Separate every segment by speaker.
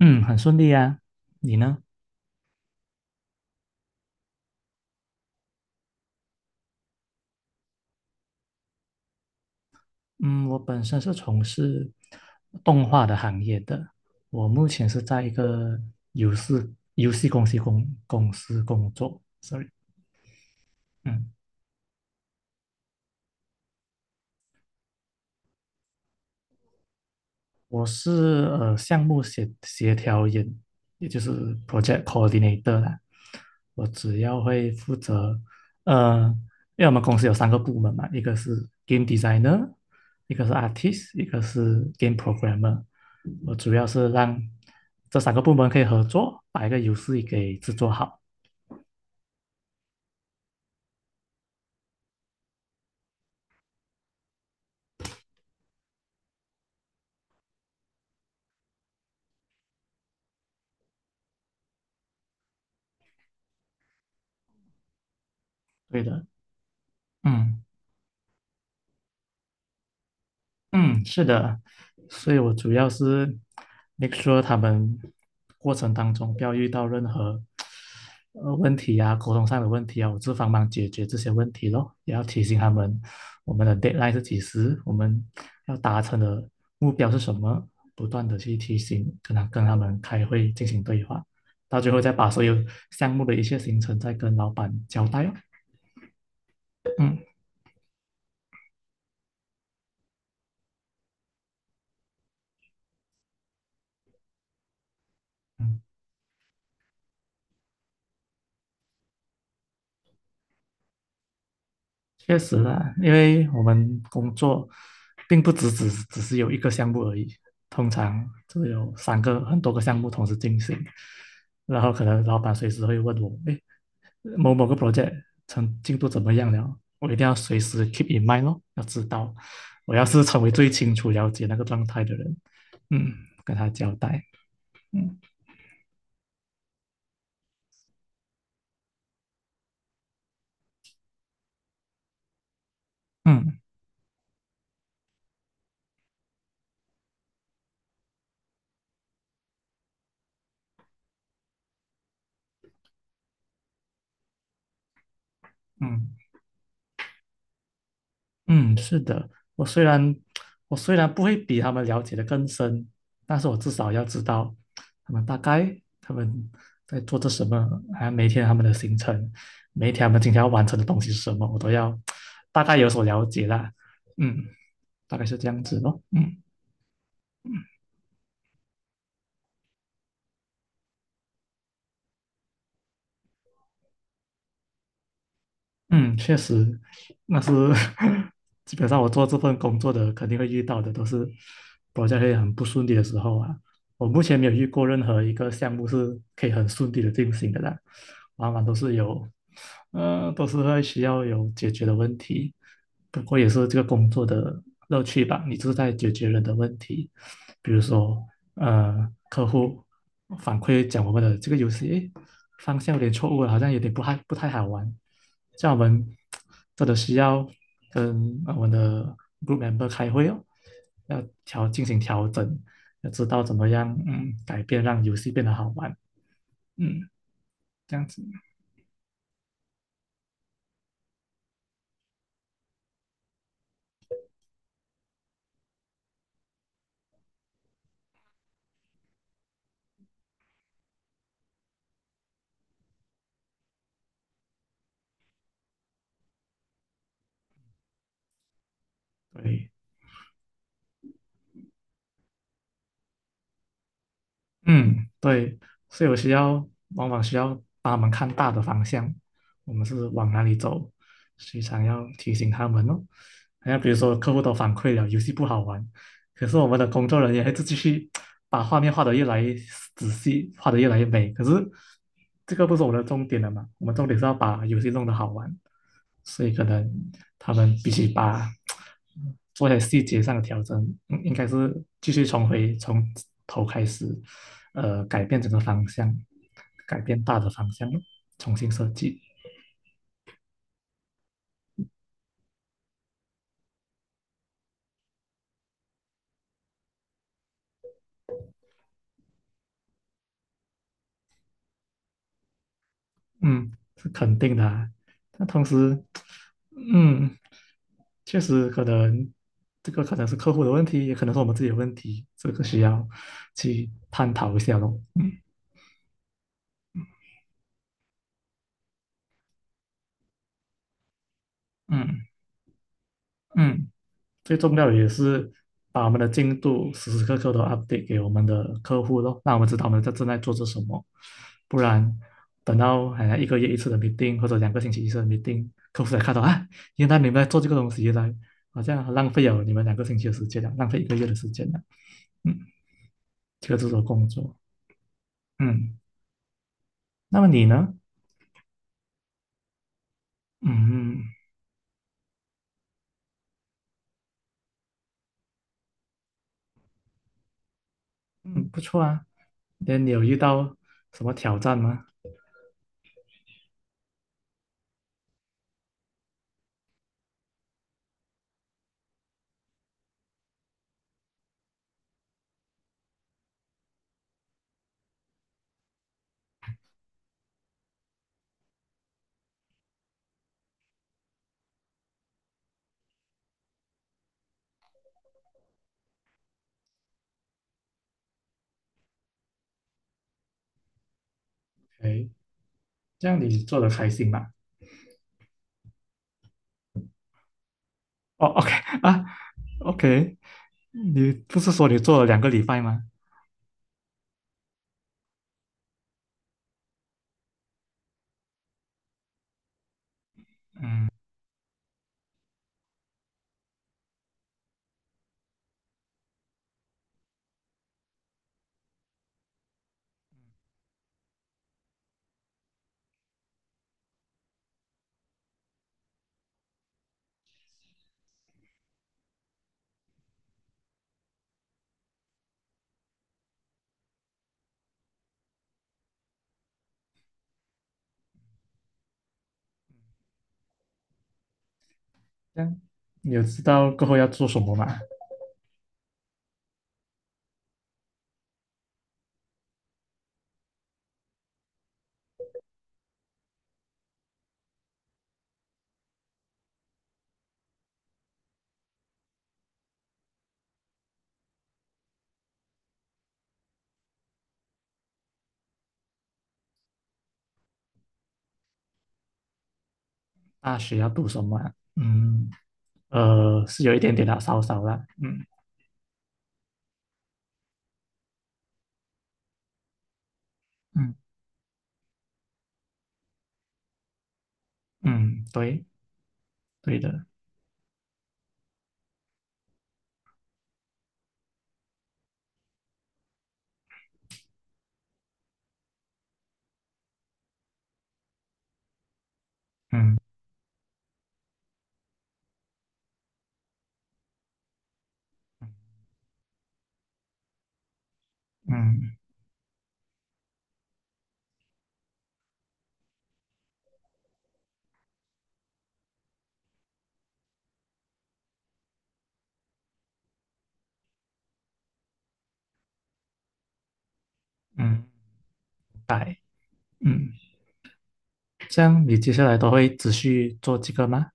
Speaker 1: 嗯，很顺利啊。你呢？嗯，我本身是从事动画的行业的，我目前是在一个游戏游戏公司公公司工作。Sorry。嗯，我是项目协调人，也就是 project coordinator 啦。我主要会负责，呃，因为我们公司有三个部门嘛，一个是 game designer,一个是 artist,一个是 game programmer。我主要是让这三个部门可以合作，把一个游戏给制作好。对的，嗯。嗯，是的，所以我主要是 make sure 他们过程当中不要遇到任何问题啊，沟通上的问题啊，我就帮忙解决这些问题咯，也要提醒他们我们的 deadline 是几时，我们要达成的目标是什么，不断的去提醒，跟他们开会进行对话，到最后再把所有项目的一切行程再跟老板交代哦。嗯嗯。确实啦，因为我们工作并不只是有一个项目而已，通常就有很多个项目同时进行，然后可能老板随时会问我，哎，某某个 project 成进度怎么样了？我一定要随时 keep in mind 咯，要知道，我要是成为最清楚了解那个状态的人，嗯，跟他交代。嗯嗯嗯。嗯，是的，我虽然我虽然不会比他们了解的更深，但是我至少要知道他们在做着什么，还有每天他们的行程，每一天他们今天要完成的东西是什么，我都要大概有所了解啦。嗯，大概是这样子咯。嗯。嗯，确实，那是 基本上我做这份工作的肯定会遇到的，都是 p r o j 会很不顺利的时候啊。我目前没有遇过任何一个项目是可以很顺利的进行的啦，往往都是有，呃，都是会需要有解决的问题。不过也是这个工作的乐趣吧，你就是在解决人的问题。比如说，客户反馈讲我们的这个游戏，诶方向有点错误了，好像有点不太好玩。像我们真的需要跟我们的 group member 开会哦，进行调整，要知道怎么样改变，让游戏变得好玩。嗯，这样子。对，嗯，对，所以我需要需要帮他们看大的方向，我们是往哪里走，时常要提醒他们哦。还有比如说，客户都反馈了游戏不好玩，可是我们的工作人员还是继续把画面画的越来越仔细，画的越来越美。可是这个不是我们的重点了嘛？我们重点是要把游戏弄得好玩。所以可能他们必须做些细节上的调整，应该是继续重回从头开始，改变整个方向，改变大的方向，重新设计。嗯，是肯定的啊。但同时，嗯，确实可能这个可能是客户的问题，也可能是我们自己的问题，这个需要去探讨一下咯。嗯嗯。最重要的也是把我们的进度时时刻刻都 update 给我们的客户咯，让我们知道我们在正在做着什么。不然等到好像一个月一次的 meeting 或者两个星期一次的 meeting,客户才看到啊，原来你们在做这个东西，原来好像很浪费了你们两个星期的时间了，浪费一个月的时间了。嗯，这个就是我工作。嗯，那么你呢？嗯嗯，不错啊。那你有遇到什么挑战吗？哎，这样你做的开心吗？哦，OK 啊，OK,你不是说你做了两个礼拜吗？这样你有知道过后要做什么吗？大学要读什么啊？嗯，是有一点点啦，少少啦。嗯嗯嗯，对对的。嗯嗯嗯，白。嗯，这样你接下来都会持续做这个吗？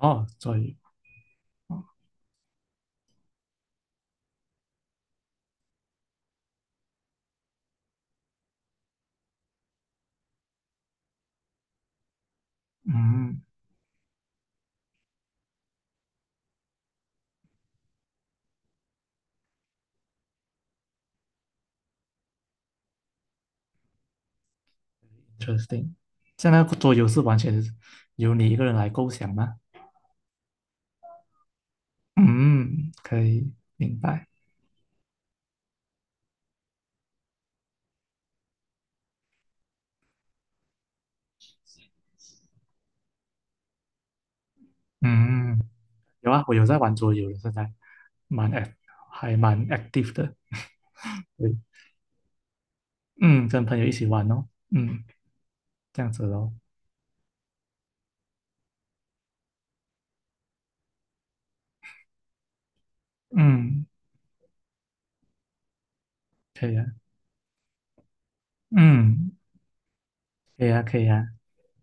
Speaker 1: 哦，桌游。嗯，interesting。这样那个桌游是完全由你一个人来构想吗？嗯，可以明白。嗯。有啊，我有在玩桌游的，现在蛮 act，还蛮 active 的。对，嗯，跟朋友一起玩哦，嗯，这样子咯，嗯，可以啊，嗯，可以啊，可以啊，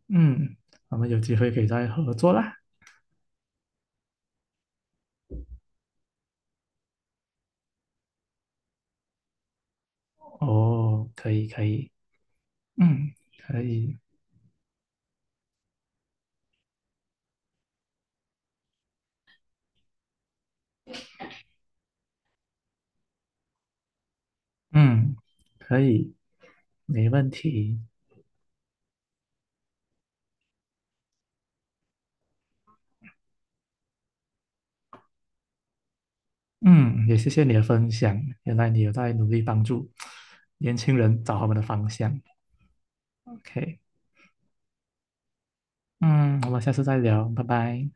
Speaker 1: 嗯，我们有机会可以再合作啦。哦，可以，可以，嗯，可以，嗯，可以，没问题。嗯，也谢谢你的分享，原来你有在努力帮助年轻人找他们的方向。OK,嗯，我们下次再聊，拜拜。